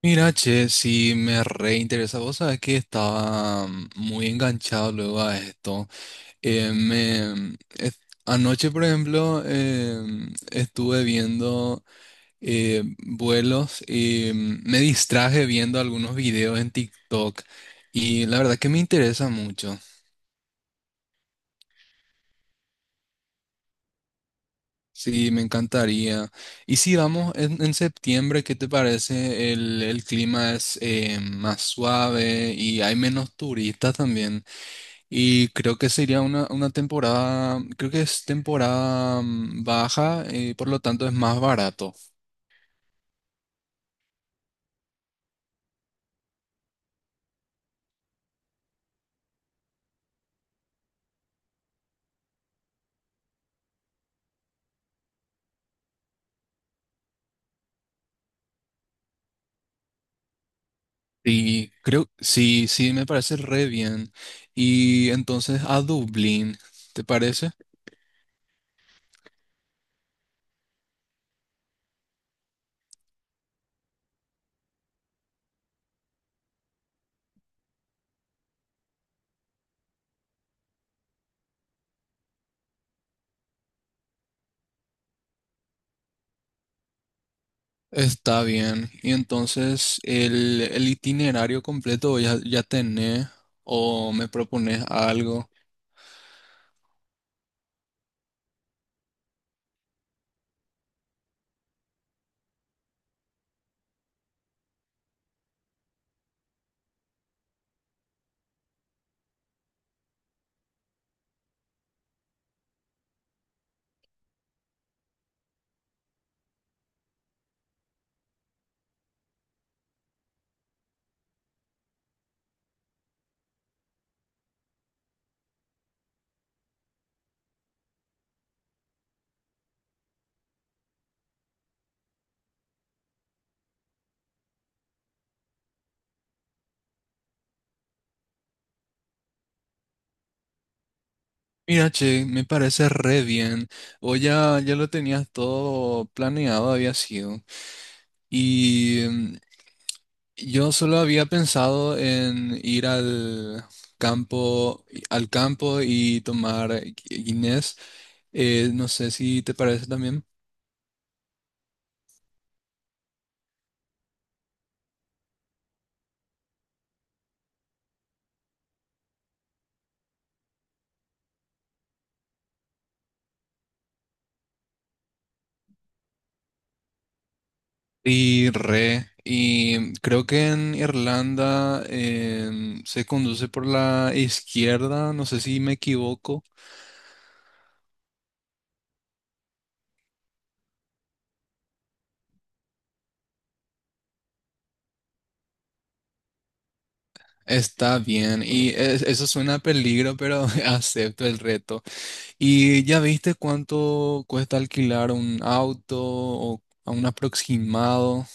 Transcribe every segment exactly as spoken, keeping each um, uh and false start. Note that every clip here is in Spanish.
Mira, che, si me reinteresa. Vos sabés que estaba mm, muy enganchado luego a esto. Eh, me, es- anoche, por ejemplo, em, estuve viendo eh, vuelos y mm, me distraje viendo algunos videos en TikTok. Y la verdad que me interesa mucho. Sí, me encantaría. Y si vamos en, en septiembre, ¿qué te parece? El, el clima es eh, más suave y hay menos turistas también. Y creo que sería una, una temporada, creo que es temporada mm, baja, eh, por lo tanto es más barato. Y creo, sí, sí, me parece re bien. Y entonces a Dublín, ¿te parece? Está bien. Y entonces el, el itinerario completo ya, ya tenés o me propones algo. Mira, che, me parece re bien. O ya, ya lo tenías todo planeado, había sido. Y mm, yo solo había pensado en ir al campo, al campo y tomar gui- Guinness. Eh, no sé si te parece también. Y re. Y creo que en Irlanda em, se conduce por la izquierda. No sé si me equivoco. Está bien. Y es- eso suena a peligro, pero acepto el reto. ¿Y ya viste cuánto cuesta alquilar un auto o a un aproximado?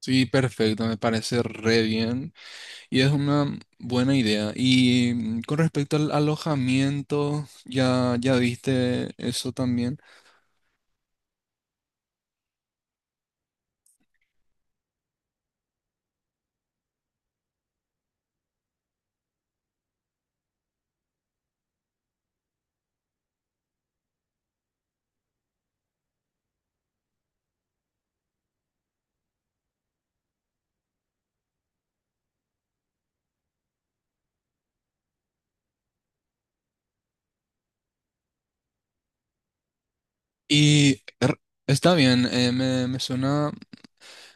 Sí, perfecto, me parece re bien y es una buena idea. Y mm, con respecto al alojamiento, ya, ya viste eso también. Y er, Está bien, eh, me, me suena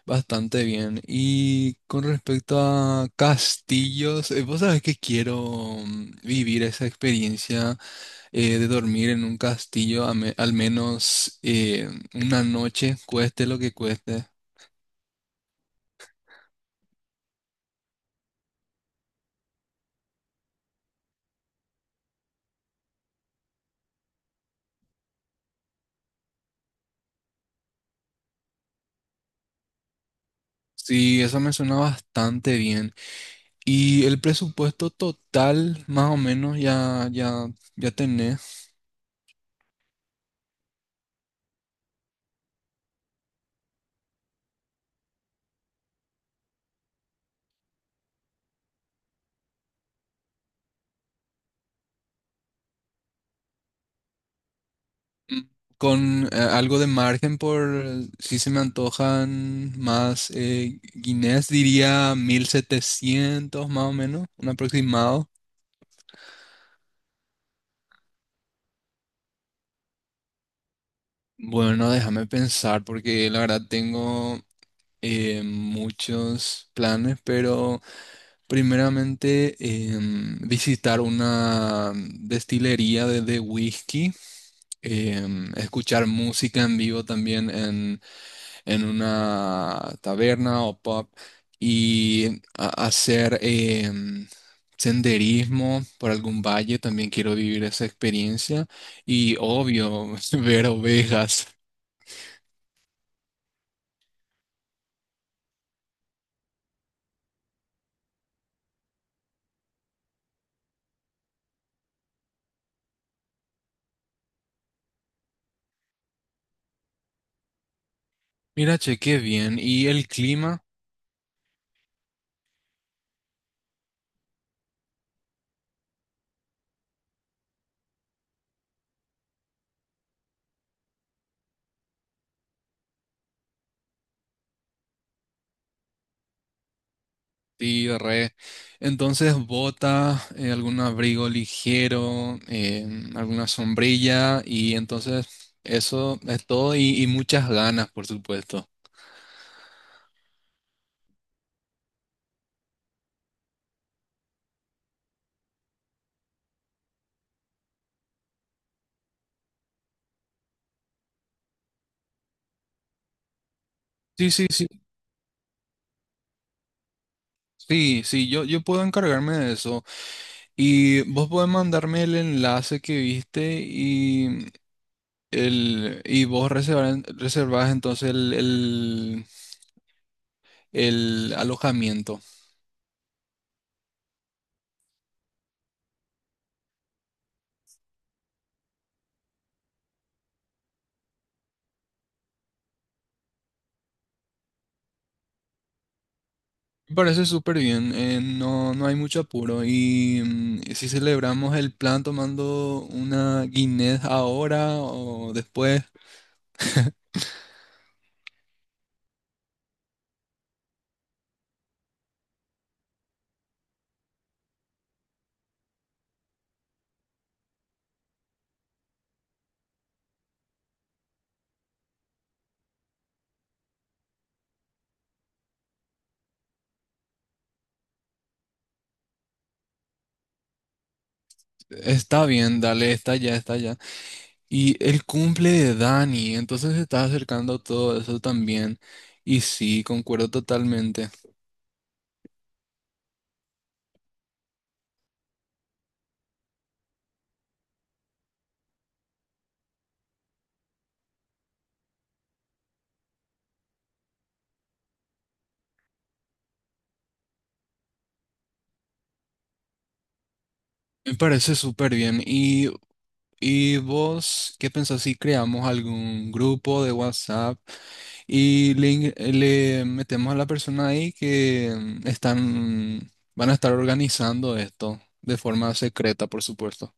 bastante bien. Y con respecto a castillos, eh, vos sabés que quiero mm, vivir esa experiencia eh, de dormir en un castillo, a me- al menos eh, una noche, cueste lo que cueste. Sí, eso me suena bastante bien. Y el presupuesto total, más o menos, ya, ya, ya tenés. Con eh, algo de margen por si se me antojan más eh, guineas, diría mil setecientos más o menos, un aproximado. Bueno, déjame pensar, porque la verdad tengo eh, muchos planes, pero primeramente em, visitar una destilería de, de whisky, em, escuchar música en vivo también en, en una taberna o pub y a- hacer em, senderismo por algún valle, también quiero vivir esa experiencia y obvio ver ovejas. Mira, che, qué bien. ¿Y el clima? Sí, re. Entonces, bota, eh, algún abrigo ligero, eh, alguna sombrilla y entonces eso es todo y, y muchas ganas, por supuesto. Sí, sí, sí. Sí, sí, yo, yo puedo encargarme de eso. Y vos podés mandarme el enlace que viste y, el, y vos reservar- reservás entonces el, el, el alojamiento. Me parece súper bien, eh, no, no hay mucho apuro y mm, si celebramos el plan tomando una Guinness ahora o después, está bien, dale, está ya, está ya. Y el cumple de Dani, entonces se está acercando todo eso también y sí, concuerdo totalmente. Me parece súper bien. ¿Y ¿Y vos qué pensás si creamos algún grupo de WhatsApp y le, ing- le metemos a la persona ahí que mm, están, van a estar organizando esto de forma secreta, por supuesto?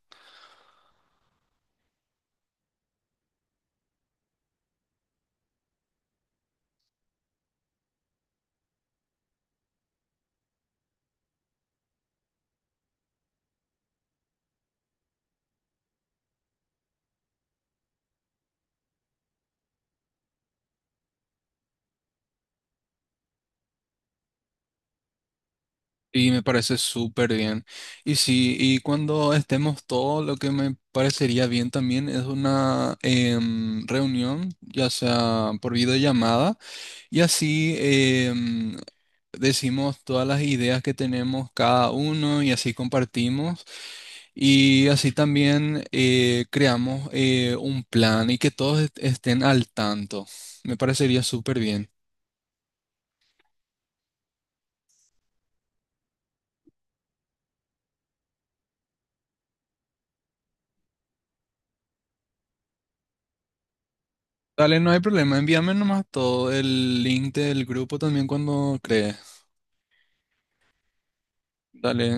Y me parece súper bien. Y sí, y cuando estemos todos, lo que me parecería bien también es una em, reunión, ya sea por videollamada. Y así em, decimos todas las ideas que tenemos cada uno y así compartimos. Y así también eh, creamos eh, un plan y que todos est- estén al tanto. Me parecería súper bien. Dale, no hay problema. Envíame nomás todo el link del grupo también cuando crees. Dale.